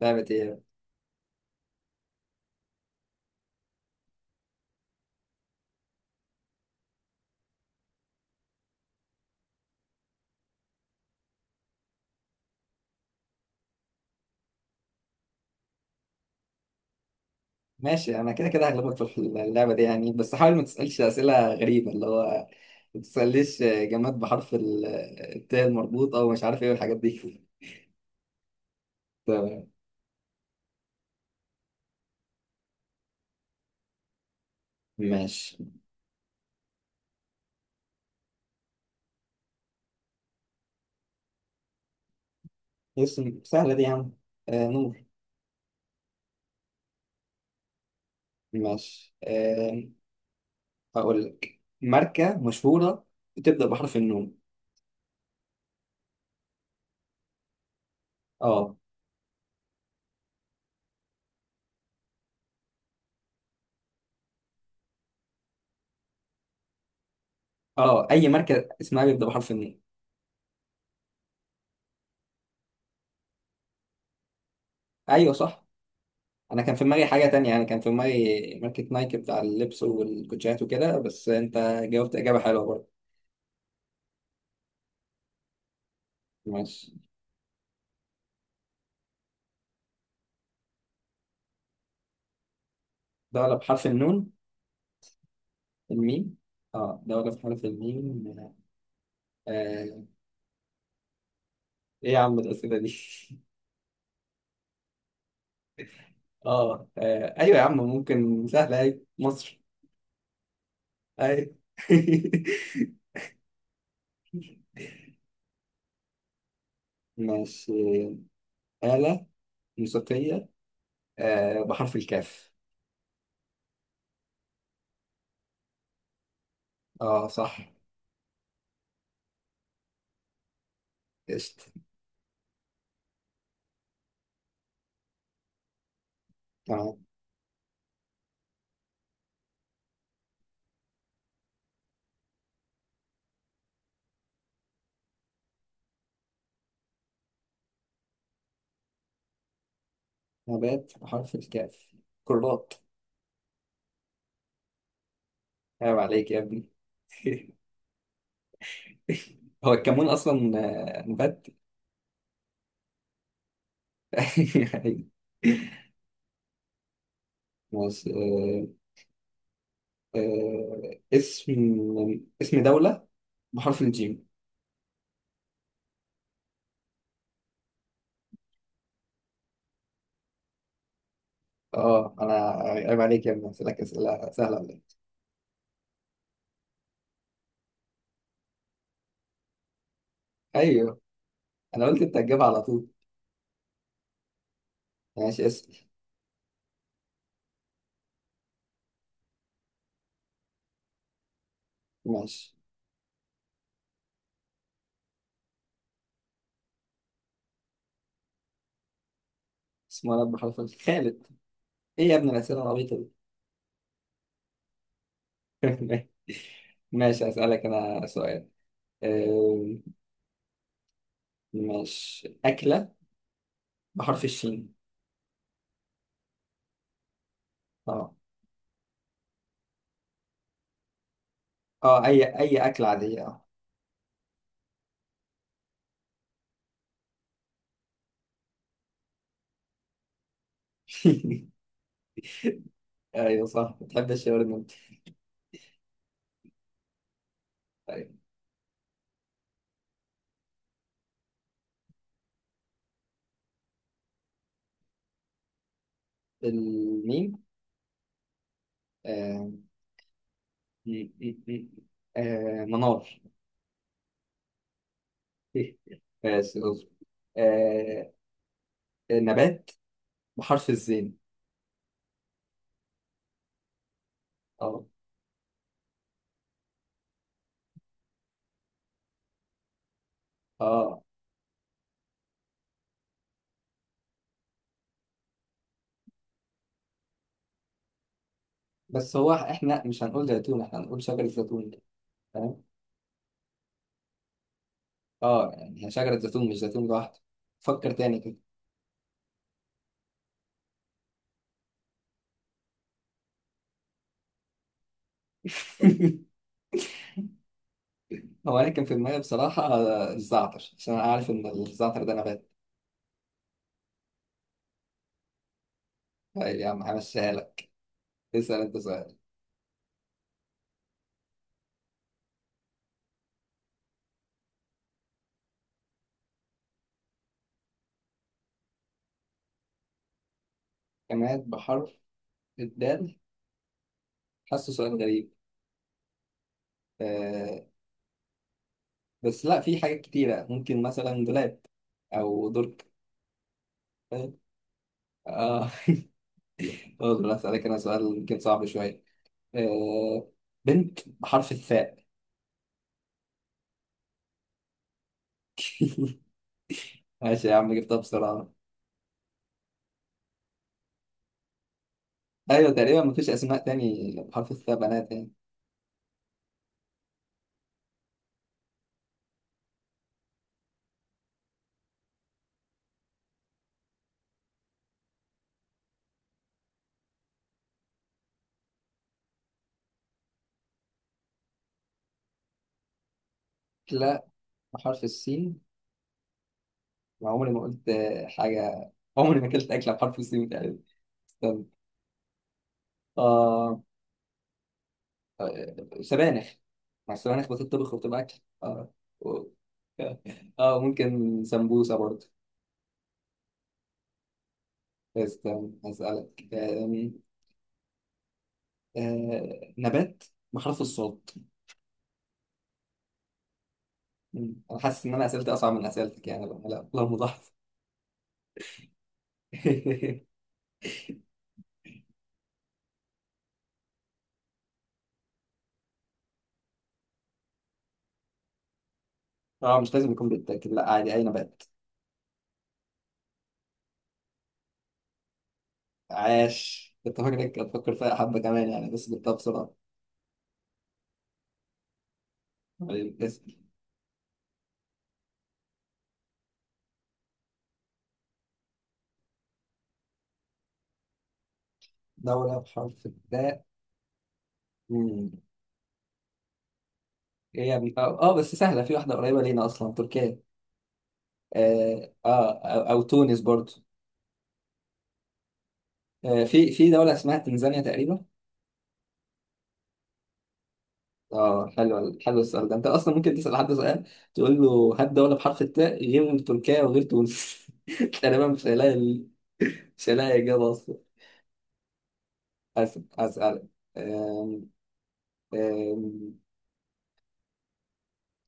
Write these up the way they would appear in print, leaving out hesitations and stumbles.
لعبة ايه؟ ماشي، انا كده كده هغلبك في اللعبة دي يعني، بس حاول ما تسألش أسئلة غريبة، اللي هو ما تسألليش جماد بحرف ال- التاء المربوط او مش عارف ايه والحاجات دي. تمام. ماشي، اسم سهلة دي يا عم، نور. ماشي. هقول لك ماركة مشهورة بتبدأ بحرف النون. اه، اه، اي ماركة اسمها بيبدأ بحرف النون. ايوه صح، انا كان في دماغي حاجة تانية يعني، كان في دماغي ماركة نايك بتاع اللبس والكوتشيات وكده، بس انت جاوبت إجابة حلوة برضه. ماشي. دولة بحرف النون؟ الميم. اه دولة بحرف الميم. آه. ايه يا عم الأسئلة دي؟ ايوه يا عم، ممكن سهلة، اي مصر. اي. ماشي، آلة موسيقية، بحرف الكاف. اه صح، قشطة. تمام. نبات بحرف الكاف؟ كرات. عيب عليك يا ابني. هو الكمون اصلا نبات؟ ماشي، آه، اسم اسم دولة بحرف الجيم. اه انا عيب عليك يا ابني، اسالك اسئله سهله ولا إيه؟ ايوه انا قلت انت هتجيبها على طول. ماشي اسال. ماشي، اسم ولد بحرف ال- خالد. ايه يا ابني الاسئله العبيطه دي؟ ماشي، اسالك انا سؤال. آه، ماشي، اكله بحرف الشين. اه، اه، اي اكله عاديه، اه. ايوه صح، بتحب الشاورما انت. طيب، الميم. آه، م- م- م- منار. ماشي اصبر. آه نبات بحرف الزين. اه، اه، بس هو احنا مش هنقول زيتون، احنا هنقول شجرة زيتون. تمام. اه يعني هي شجرة زيتون مش زيتون لوحده، فكر تاني كده. هو انا كان في دماغي بصراحة الزعتر، عشان انا عارف ان الزعتر ده نبات. طيب يا عم همشيها لك، اسأل انت سؤال. جماد بحرف الدال، حاسه سؤال غريب، آه بس لا، في حاجات كتيرة، ممكن مثلا دولاب او درج. اه. اقدر اسالك انا سؤال يمكن صعب شويه، آه، بنت بحرف الثاء. ماشي يا عم جبتها بسرعه. ايوه تقريبا مفيش اسماء تاني بحرف الثاء بنات يعني. لا، بحرف السين، ما عمري ما قلت حاجه، عمري ما اكلت اكله بحرف السين تقريبا. استنى. آه... سبانخ، مع السبانخ بتطبخ وبتبقى اكل. آه. و- اه، ممكن سمبوسه برضه. استنى اسالك. آم، آه، نبات بحرف الصاد. مم. انا حاسس ان انا اسئلتي اصعب من اسئلتك يعني بقى. لا لا مضاعف. اه مش لازم يكون، بالتاكيد لا، عادي اي نبات. عاش، كنت فاكرك هتفكر فيها حبه كمان يعني، بس جبتها بسرعه. طيب، اسم دوله بحرف الداء. مم. ايه يا ابني، بس سهله، في واحده قريبه لينا اصلا، تركيا. اه، أو تونس برضو. في دوله اسمها تنزانيا تقريبا. اه حلو، حلو السؤال ده، انت اصلا ممكن تسال حد سؤال، تقول له هات دوله بحرف التاء غير تركيا وغير تونس، تقريبا مش هيلاقي. مش هلاقي إجابة أصلا. أسألك. أم- أم-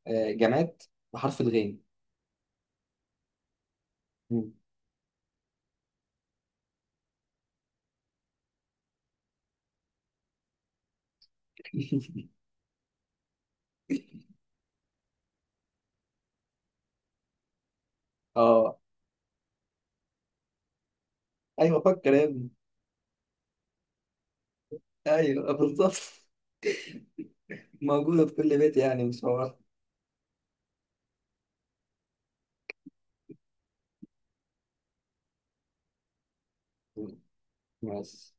أه، جماد بحرف الغين. مم. اه ايوه، فكر يا ابني. ايوه بالظبط، موجودة في كل بيت يعني مش هو. ماشي،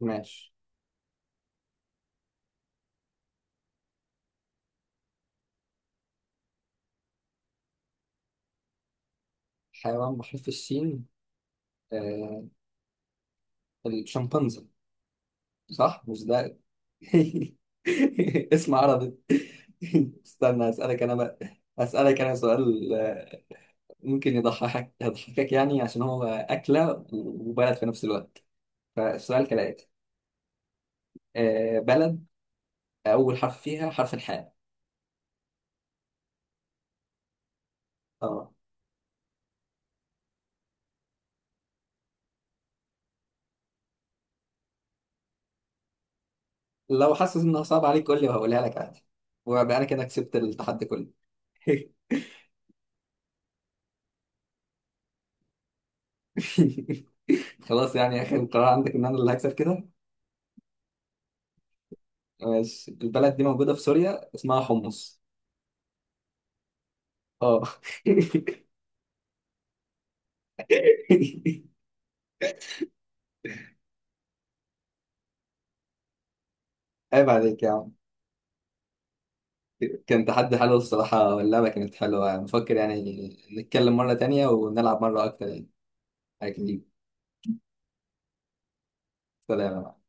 ماشي. حيوان بحرف السين. آه الشمبانزي، صح مش ده؟ اسم عربي. استنى اسألك انا بقى. اسألك انا سؤال، ممكن يضحكك يضحكك يعني، عشان هو أكلة وبلد في نفس الوقت، فالسؤال كالآتي. بلد أول حرف فيها حرف الحاء. اه لو حاسس إنها صعبة عليك قول لي وهقولها لك عادي، وأبقى أنا كده كسبت التحدي كله. خلاص يعني آخر قرار عندك إن أنا اللي هكسب كده. ماشي، البلد دي موجودة في سوريا، اسمها حمص. اه. عيب عليك يا عم. كان تحدي حلو الصراحة، واللعبة كانت حلوة، بفكر يعني نتكلم مرة تانية ونلعب مرة أكتر يعني. أكيد. سلام.